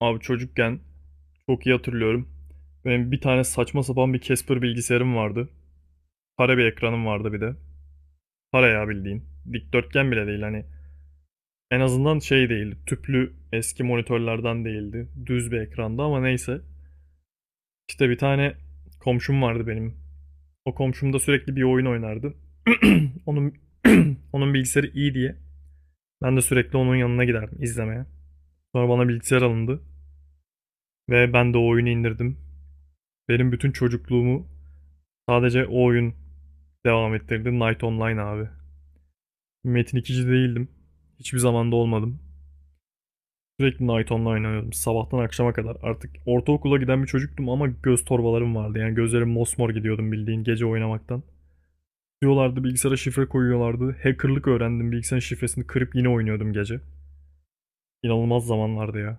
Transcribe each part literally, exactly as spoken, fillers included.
Abi çocukken çok iyi hatırlıyorum. Benim bir tane saçma sapan bir Casper bilgisayarım vardı. Kare bir ekranım vardı bir de. Kare ya bildiğin. Dikdörtgen bile değil hani. En azından şey değildi. Tüplü eski monitörlerden değildi. Düz bir ekrandı ama neyse. İşte bir tane komşum vardı benim. O komşum da sürekli bir oyun oynardı. Onun onun bilgisayarı iyi diye ben de sürekli onun yanına giderdim izlemeye. Sonra bana bilgisayar alındı ve ben de o oyunu indirdim. Benim bütün çocukluğumu sadece o oyun devam ettirdi Night Online abi. Metin ikici değildim. Hiçbir zamanda olmadım. Sürekli Night Online oynuyordum sabahtan akşama kadar. Artık ortaokula giden bir çocuktum ama göz torbalarım vardı. Yani gözlerim mosmor gidiyordum bildiğin gece oynamaktan. Diyorlardı, bilgisayara şifre koyuyorlardı. Hackerlık öğrendim. Bilgisayarın şifresini kırıp yine oynuyordum gece. İnanılmaz zamanlardı ya.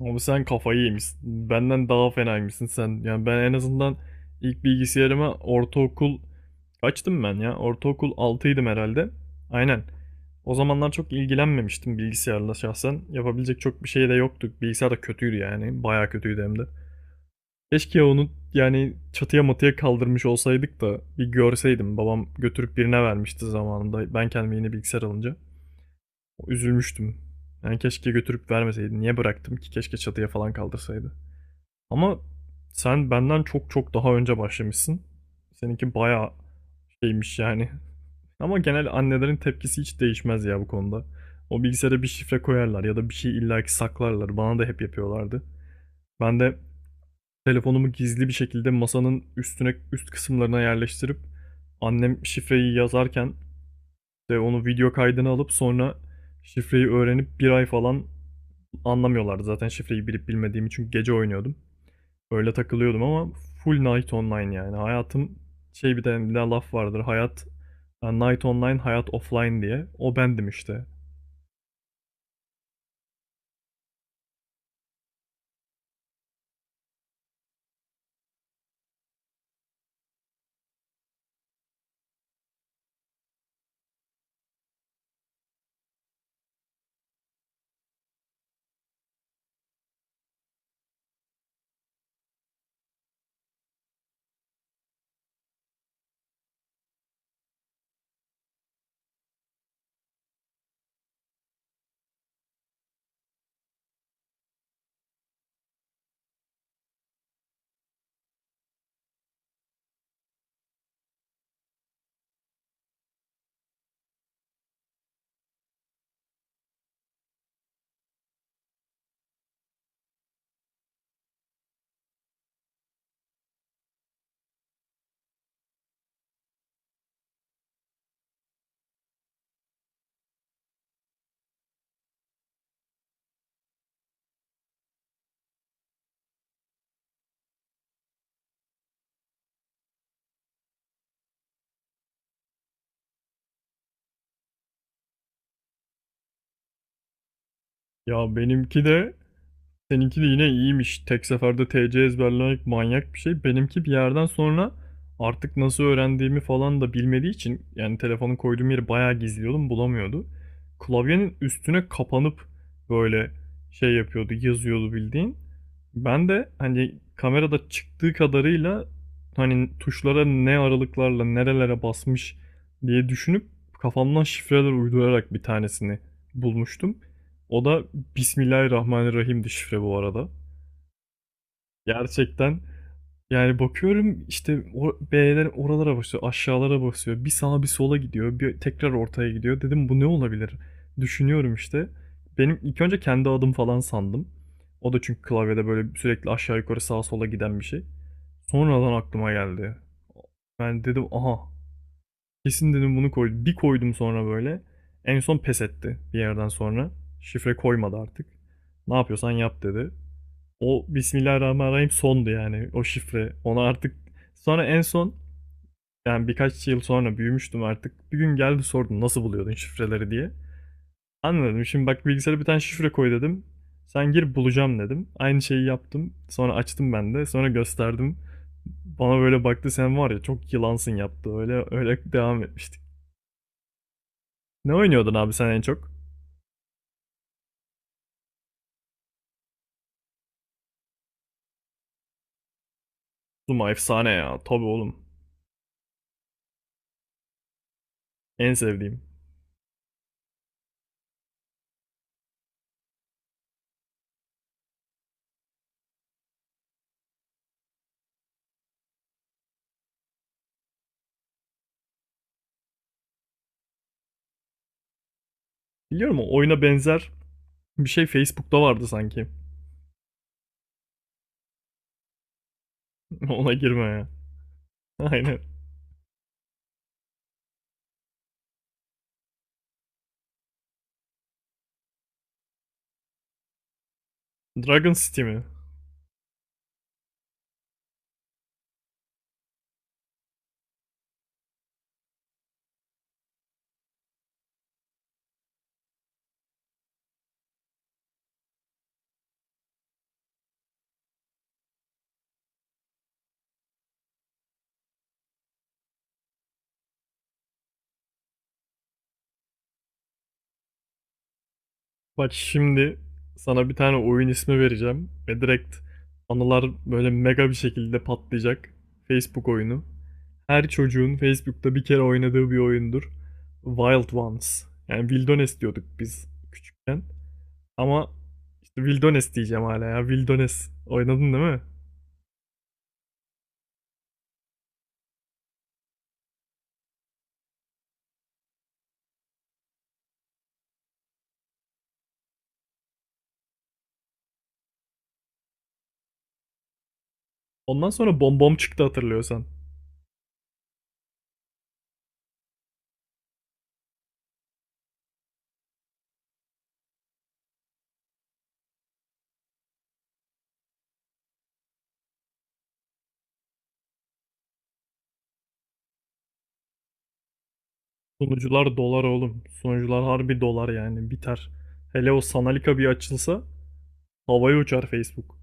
Abi sen kafayı yemişsin. Benden daha fenaymışsın sen. Yani ben en azından ilk bilgisayarıma ortaokul kaçtım ben ya? Ortaokul altıydım herhalde. Aynen. O zamanlar çok ilgilenmemiştim bilgisayarla şahsen. Yapabilecek çok bir şey de yoktu. Bilgisayar da kötüydü yani. Bayağı kötüydü hem de. Keşke onu, yani çatıya matıya kaldırmış olsaydık da bir görseydim. Babam götürüp birine vermişti zamanında, ben kendime yeni bilgisayar alınca. Üzülmüştüm. Yani keşke götürüp vermeseydi. Niye bıraktım ki? Keşke çatıya falan kaldırsaydı. Ama sen benden çok çok daha önce başlamışsın. Seninki bayağı şeymiş yani. Ama genel annelerin tepkisi hiç değişmez ya bu konuda. O bilgisayara bir şifre koyarlar ya da bir şey illaki saklarlar. Bana da hep yapıyorlardı. Ben de telefonumu gizli bir şekilde masanın üstüne, üst kısımlarına yerleştirip annem şifreyi yazarken de onu, video kaydını alıp sonra şifreyi öğrenip bir ay falan. Anlamıyorlardı zaten şifreyi bilip bilmediğimi, çünkü gece oynuyordum. Öyle takılıyordum ama full Night Online yani. Hayatım, şey, bir de bir de laf vardır. Hayat, yani Night Online, hayat offline diye. O bendim işte. Ya benimki de, seninki de yine iyiymiş. Tek seferde T C ezberlemek manyak bir şey. Benimki bir yerden sonra, artık nasıl öğrendiğimi falan da bilmediği için, yani telefonu koyduğum yeri bayağı gizliyordum, bulamıyordu. Klavyenin üstüne kapanıp böyle şey yapıyordu, yazıyordu bildiğin. Ben de hani kamerada çıktığı kadarıyla hani tuşlara ne aralıklarla nerelere basmış diye düşünüp kafamdan şifreler uydurarak bir tanesini bulmuştum. O da Bismillahirrahmanirrahim'di şifre bu arada. Gerçekten, yani bakıyorum işte, o B'ler, oralara basıyor, aşağılara basıyor. Bir sağa bir sola gidiyor, bir tekrar ortaya gidiyor. Dedim bu ne olabilir? Düşünüyorum işte. Benim ilk önce kendi adım falan sandım. O da çünkü klavyede böyle sürekli aşağı yukarı sağa sola giden bir şey. Sonradan aklıma geldi. Ben dedim aha, kesin dedim, bunu koydum. Bir koydum sonra böyle. En son pes etti bir yerden sonra. Şifre koymadı artık. Ne yapıyorsan yap dedi. O Bismillahirrahmanirrahim sondu yani o şifre. Ona artık, sonra en son, yani birkaç yıl sonra büyümüştüm artık. Bir gün geldi sordu nasıl buluyordun şifreleri diye. Anladım. Şimdi bak, bilgisayara bir tane şifre koy dedim. Sen gir, bulacağım dedim. Aynı şeyi yaptım. Sonra açtım ben de. Sonra gösterdim. Bana böyle baktı, sen var ya çok yılansın yaptı. Öyle öyle devam etmiştik. Ne oynuyordun abi sen en çok? Zuma efsane ya. Tabii oğlum. En sevdiğim. Biliyorum, o oyuna benzer bir şey Facebook'ta vardı sanki. Ona girme ya. Aynen. Dragon City mi? Bak şimdi, sana bir tane oyun ismi vereceğim ve direkt anılar böyle mega bir şekilde patlayacak. Facebook oyunu. Her çocuğun Facebook'ta bir kere oynadığı bir oyundur. Wild Ones. Yani Wildones diyorduk biz küçükken. Ama işte Wildones diyeceğim hala ya. Wildones. Oynadın değil mi? Ondan sonra Bom Bom çıktı, hatırlıyorsan. Sunucular dolar oğlum. Sunucular harbi dolar, yani biter. Hele o Sanalika bir açılsa, havaya uçar Facebook.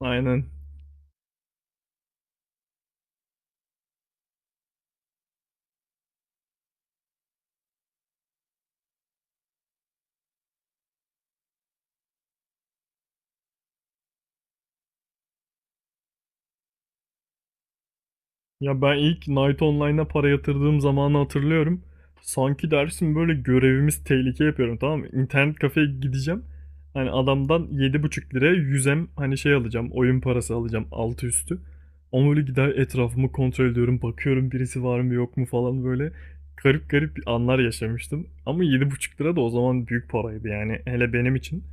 Aynen. Ya ben ilk Night Online'a para yatırdığım zamanı hatırlıyorum. Sanki dersin böyle görevimiz tehlike yapıyorum, tamam mı? İnternet kafeye gideceğim. Hani adamdan yedi buçuk liraya yüzem, hani şey alacağım, oyun parası alacağım altı üstü. Ama böyle gider etrafımı kontrol ediyorum. Bakıyorum birisi var mı yok mu falan böyle. Garip garip anlar yaşamıştım. Ama yedi buçuk lira da o zaman büyük paraydı yani. Hele benim için.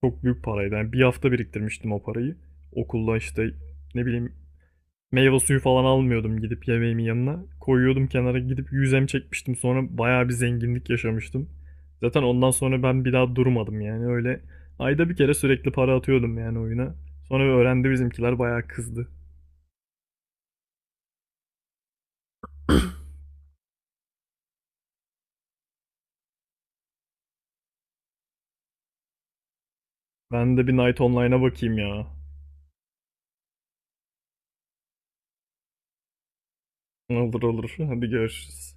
Çok büyük paraydı. Yani bir hafta biriktirmiştim o parayı. Okulda işte, ne bileyim, meyve suyu falan almıyordum gidip yemeğimin yanına. Koyuyordum kenara, gidip yüzem çekmiştim. Sonra bayağı bir zenginlik yaşamıştım. Zaten ondan sonra ben bir daha durmadım yani öyle. Ayda bir kere sürekli para atıyordum yani oyuna. Sonra öğrendi bizimkiler, bayağı kızdı. Ben de bir Night Online'a bakayım ya. Olur olur. Hadi görüşürüz.